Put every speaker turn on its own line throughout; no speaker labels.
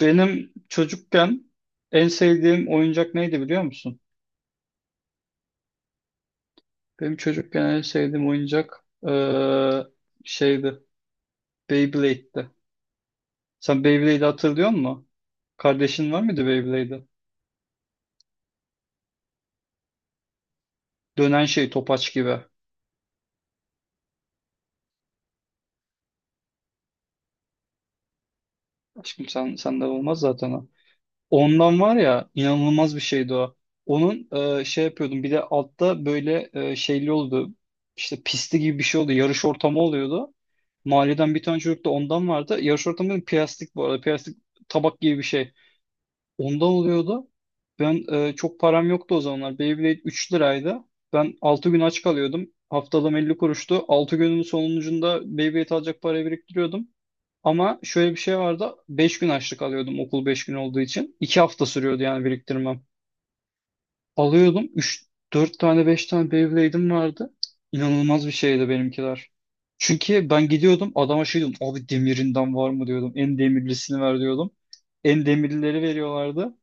Benim çocukken en sevdiğim oyuncak neydi biliyor musun? Benim çocukken en sevdiğim oyuncak şeydi. Beyblade'di. Sen Beyblade'i hatırlıyor musun? Kardeşin var mıydı Beyblade'de? Dönen şey topaç gibi. Aşkım sen senden olmaz zaten o. Ondan var ya inanılmaz bir şeydi o. Onun şey yapıyordum, bir de altta böyle şeyli oldu. İşte pisti gibi bir şey oldu. Yarış ortamı oluyordu. Mahalleden bir tane çocuk da ondan vardı. Yarış ortamında plastik bu arada. Plastik tabak gibi bir şey. Ondan oluyordu. Ben çok param yoktu o zamanlar. Beyblade 3 liraydı. Ben 6 gün aç kalıyordum. Haftalığım 50 kuruştu. 6 günün sonucunda Beyblade alacak parayı biriktiriyordum. Ama şöyle bir şey vardı. 5 gün açlık alıyordum, okul 5 gün olduğu için. 2 hafta sürüyordu yani biriktirmem. Alıyordum. Üç 4 tane, 5 tane Beyblade'im vardı. İnanılmaz bir şeydi benimkiler. Çünkü ben gidiyordum adama şey diyordum. Abi demirinden var mı diyordum. En demirlisini ver diyordum. En demirlileri veriyorlardı.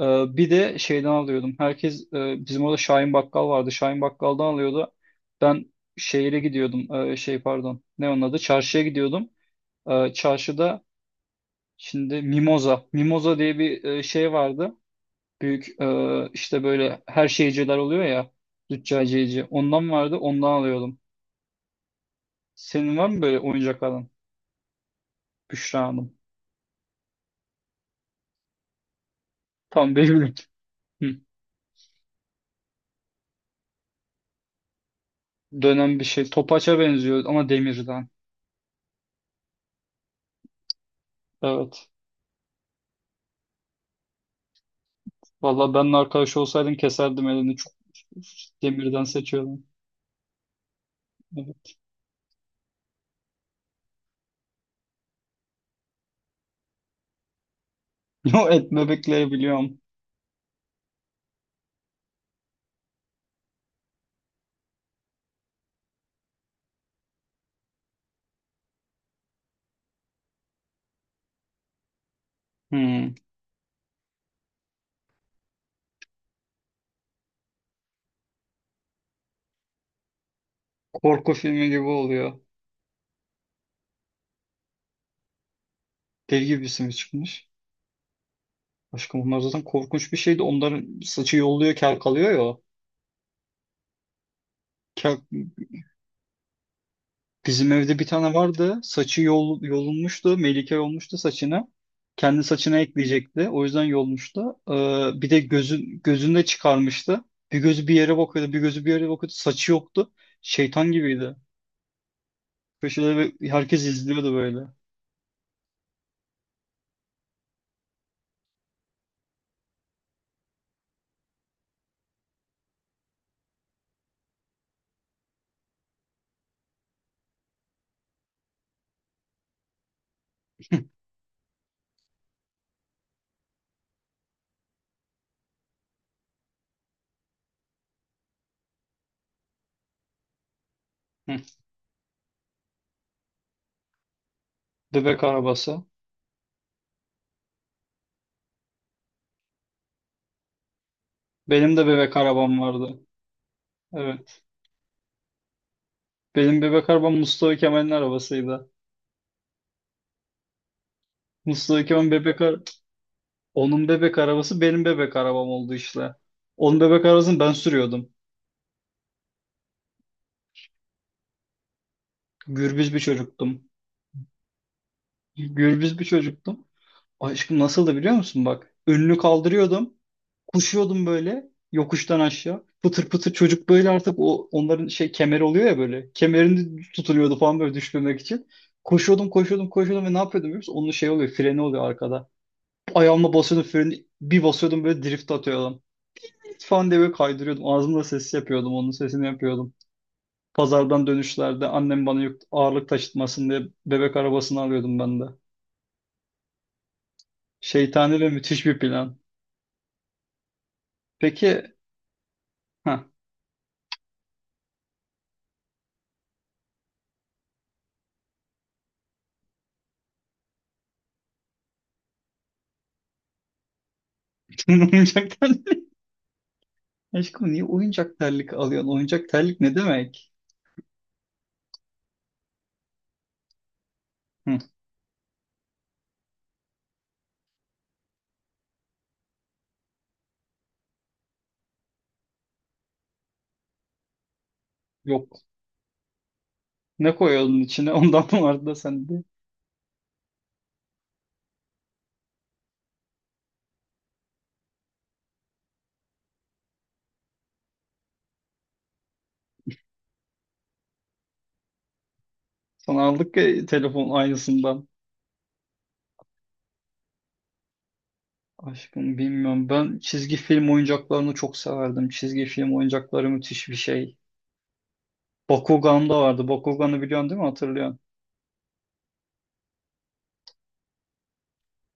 Bir de şeyden alıyordum. Herkes bizim orada Şahin Bakkal vardı. Şahin Bakkal'dan alıyordu. Ben şehire gidiyordum. Şey pardon. Ne onun adı? Çarşıya gidiyordum. Çarşıda şimdi Mimoza. Mimoza diye bir şey vardı, büyük, işte böyle her şeyciler oluyor ya, züccaciyeci. Ondan vardı, ondan alıyordum. Senin var mı böyle oyuncak alan? Büşra Hanım. Tam Beyblade. Hı. Dönen bir şey. Topaça benziyor ama demirden. Evet. Valla ben arkadaş olsaydım keserdim elini. Çok demirden seçiyordum. Evet. Yo, et bebekleri biliyorum. Hmm. Korku filmi gibi oluyor. Deli gibi bir sinir çıkmış. Aşkım onlar zaten korkunç bir şeydi. Onların saçı yolluyor, kel kalıyor ya. O. Kel bizim evde bir tane vardı. Saçı yolunmuştu. Melike yolmuştu saçına. Kendi saçına ekleyecekti. O yüzden yolmuştu. Bir de gözünü de çıkarmıştı. Bir gözü bir yere bakıyordu. Bir gözü bir yere bakıyordu. Saçı yoktu. Şeytan gibiydi. Köşede ve herkes izliyordu böyle. Hı. Bebek arabası. Benim de bebek arabam vardı. Evet. Benim bebek arabam Mustafa Kemal'in arabasıydı. Mustafa Kemal bebek ar- Onun bebek arabası benim bebek arabam oldu işte. Onun bebek arabasını ben sürüyordum. Gürbüz bir çocuktum. Gürbüz bir çocuktum. Aşkım nasıldı biliyor musun bak. Önünü kaldırıyordum. Koşuyordum böyle yokuştan aşağı. Pıtır pıtır çocuk böyle, artık o onların şey kemer oluyor ya böyle. Kemerini tutuluyordu falan böyle düşmemek için. Koşuyordum, koşuyordum, koşuyordum ve ne yapıyordum biliyor musun? Onun şey oluyor, freni oluyor arkada. Ayağımla basıyordum freni, bir basıyordum böyle drift atıyordum. Falan diye böyle kaydırıyordum. Ağzımda ses yapıyordum, onun sesini yapıyordum. Pazardan dönüşlerde annem bana ağırlık taşıtmasın diye bebek arabasını alıyordum ben de. Şeytani ve müthiş bir plan. Peki ha. Senin oyuncak terlik. Aşkım niye oyuncak terlik alıyorsun? Oyuncak terlik ne demek? Hı, yok. Ne koyalım içine? Ondan vardı da sende. Sana aldık ya telefon aynısından. Aşkım bilmiyorum. Ben çizgi film oyuncaklarını çok severdim. Çizgi film oyuncakları müthiş bir şey. Bakugan da vardı. Bakugan'ı biliyorsun değil mi? Hatırlıyorsun.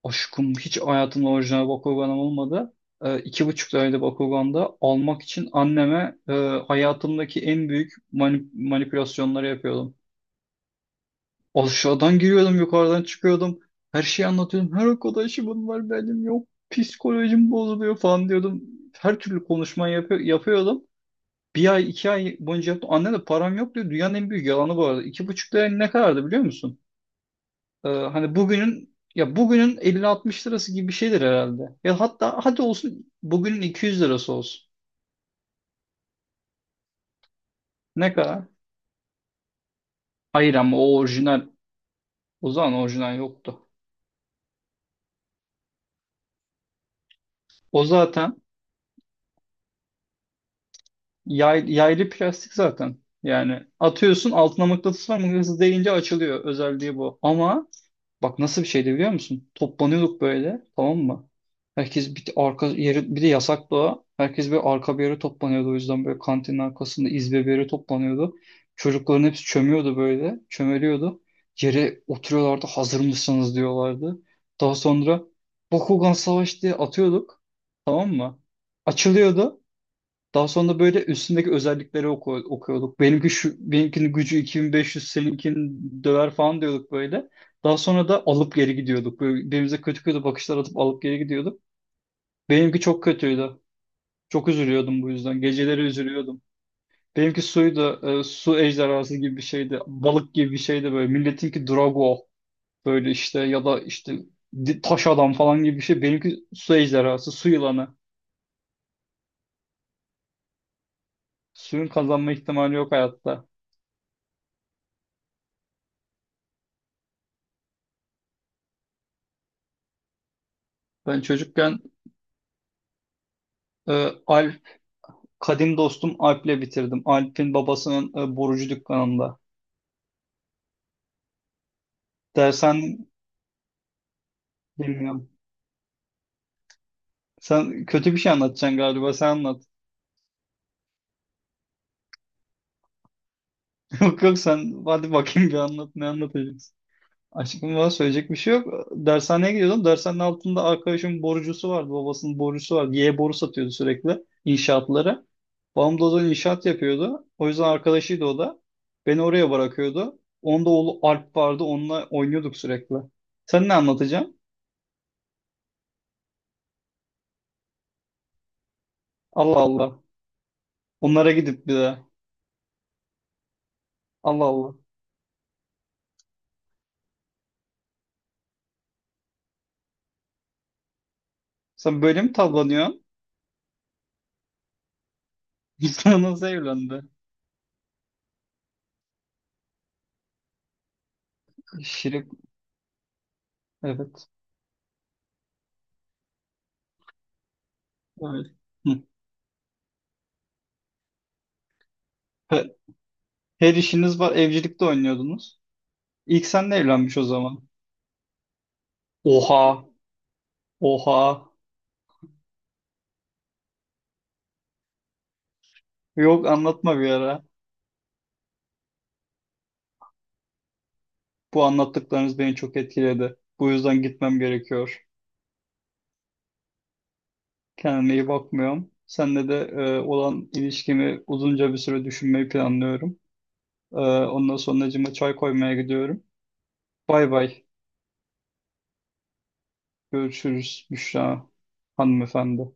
Aşkım hiç hayatımda orijinal Bakugan'ım olmadı. 2,5 tane Bakugan'da almak için anneme hayatımdaki en büyük manipülasyonları yapıyordum. Aşağıdan giriyordum, yukarıdan çıkıyordum. Her şeyi anlatıyordum. Her arkadaşımın var, benim yok. Psikolojim bozuluyor falan diyordum. Her türlü konuşma yapıyordum. 1 ay, 2 ay boyunca yaptım. Anne de param yok diyor. Dünyanın en büyük yalanı bu arada. 2,5 lira ne kadardı biliyor musun? Hani bugünün, ya bugünün 50-60 lirası gibi bir şeydir herhalde. Ya hatta hadi olsun, bugünün 200 lirası olsun. Ne kadar? Hayır ama o orijinal. O zaman orijinal yoktu. O zaten yaylı plastik zaten. Yani atıyorsun altına, mıknatıs var, mıknatıs değince açılıyor. Özelliği bu. Ama bak nasıl bir şeydi biliyor musun? Toplanıyorduk böyle, tamam mı? Herkes bir arka yeri, bir de yasaktı o. Herkes böyle arka bir yere toplanıyordu. O yüzden böyle kantinin arkasında izbe bir yere toplanıyordu. Çocukların hepsi çömüyordu böyle. Çömeliyordu. Yere oturuyorlardı. Hazır mısınız diyorlardı. Daha sonra Bakugan Savaş diye atıyorduk. Tamam mı? Açılıyordu. Daha sonra böyle üstündeki özellikleri okuyorduk. Benimki şu, benimkinin gücü 2500, seninkinin döver falan diyorduk böyle. Daha sonra da alıp geri gidiyorduk. Böyle birbirimize kötü kötü bakışlar atıp alıp geri gidiyorduk. Benimki çok kötüydü. Çok üzülüyordum bu yüzden. Geceleri üzülüyordum. Benimki suydu. Su ejderhası gibi bir şeydi. Balık gibi bir şeydi böyle. Milletinki Drago. Böyle işte, ya da işte taş adam falan gibi bir şey. Benimki su ejderhası, su yılanı. Suyun kazanma ihtimali yok hayatta. Ben çocukken e, kadim dostum Alp'le bitirdim. Alp'in babasının borucu dükkanında. Dersen bilmiyorum. Sen kötü bir şey anlatacaksın galiba. Sen anlat. Yok yok, sen hadi bakayım bir anlat. Ne anlatacaksın? Aşkım bana söyleyecek bir şey yok. Dershaneye gidiyordum. Dershanenin altında arkadaşımın borucusu vardı. Babasının borucusu vardı. Y boru satıyordu sürekli inşaatlara. Babam da o zaman inşaat yapıyordu. O yüzden arkadaşıydı o da. Beni oraya bırakıyordu. Onda oğlu Alp vardı. Onunla oynuyorduk sürekli. Sen ne anlatacaksın? Allah Allah. Onlara gidip bir de. Allah Allah. Sen böyle mi tavlanıyorsun? İnsan nasıl evlendi? Şirin. Evet. Evet. Hı. He- her işiniz var. Evcilikte oynuyordunuz. İlk senle evlenmiş o zaman. Oha. Oha. Yok, anlatma bir ara. Bu anlattıklarınız beni çok etkiledi. Bu yüzden gitmem gerekiyor. Kendime iyi bakmıyorum. Seninle de olan ilişkimi uzunca bir süre düşünmeyi planlıyorum. E, ondan sonra çay koymaya gidiyorum. Bay bay. Görüşürüz Büşra hanımefendi.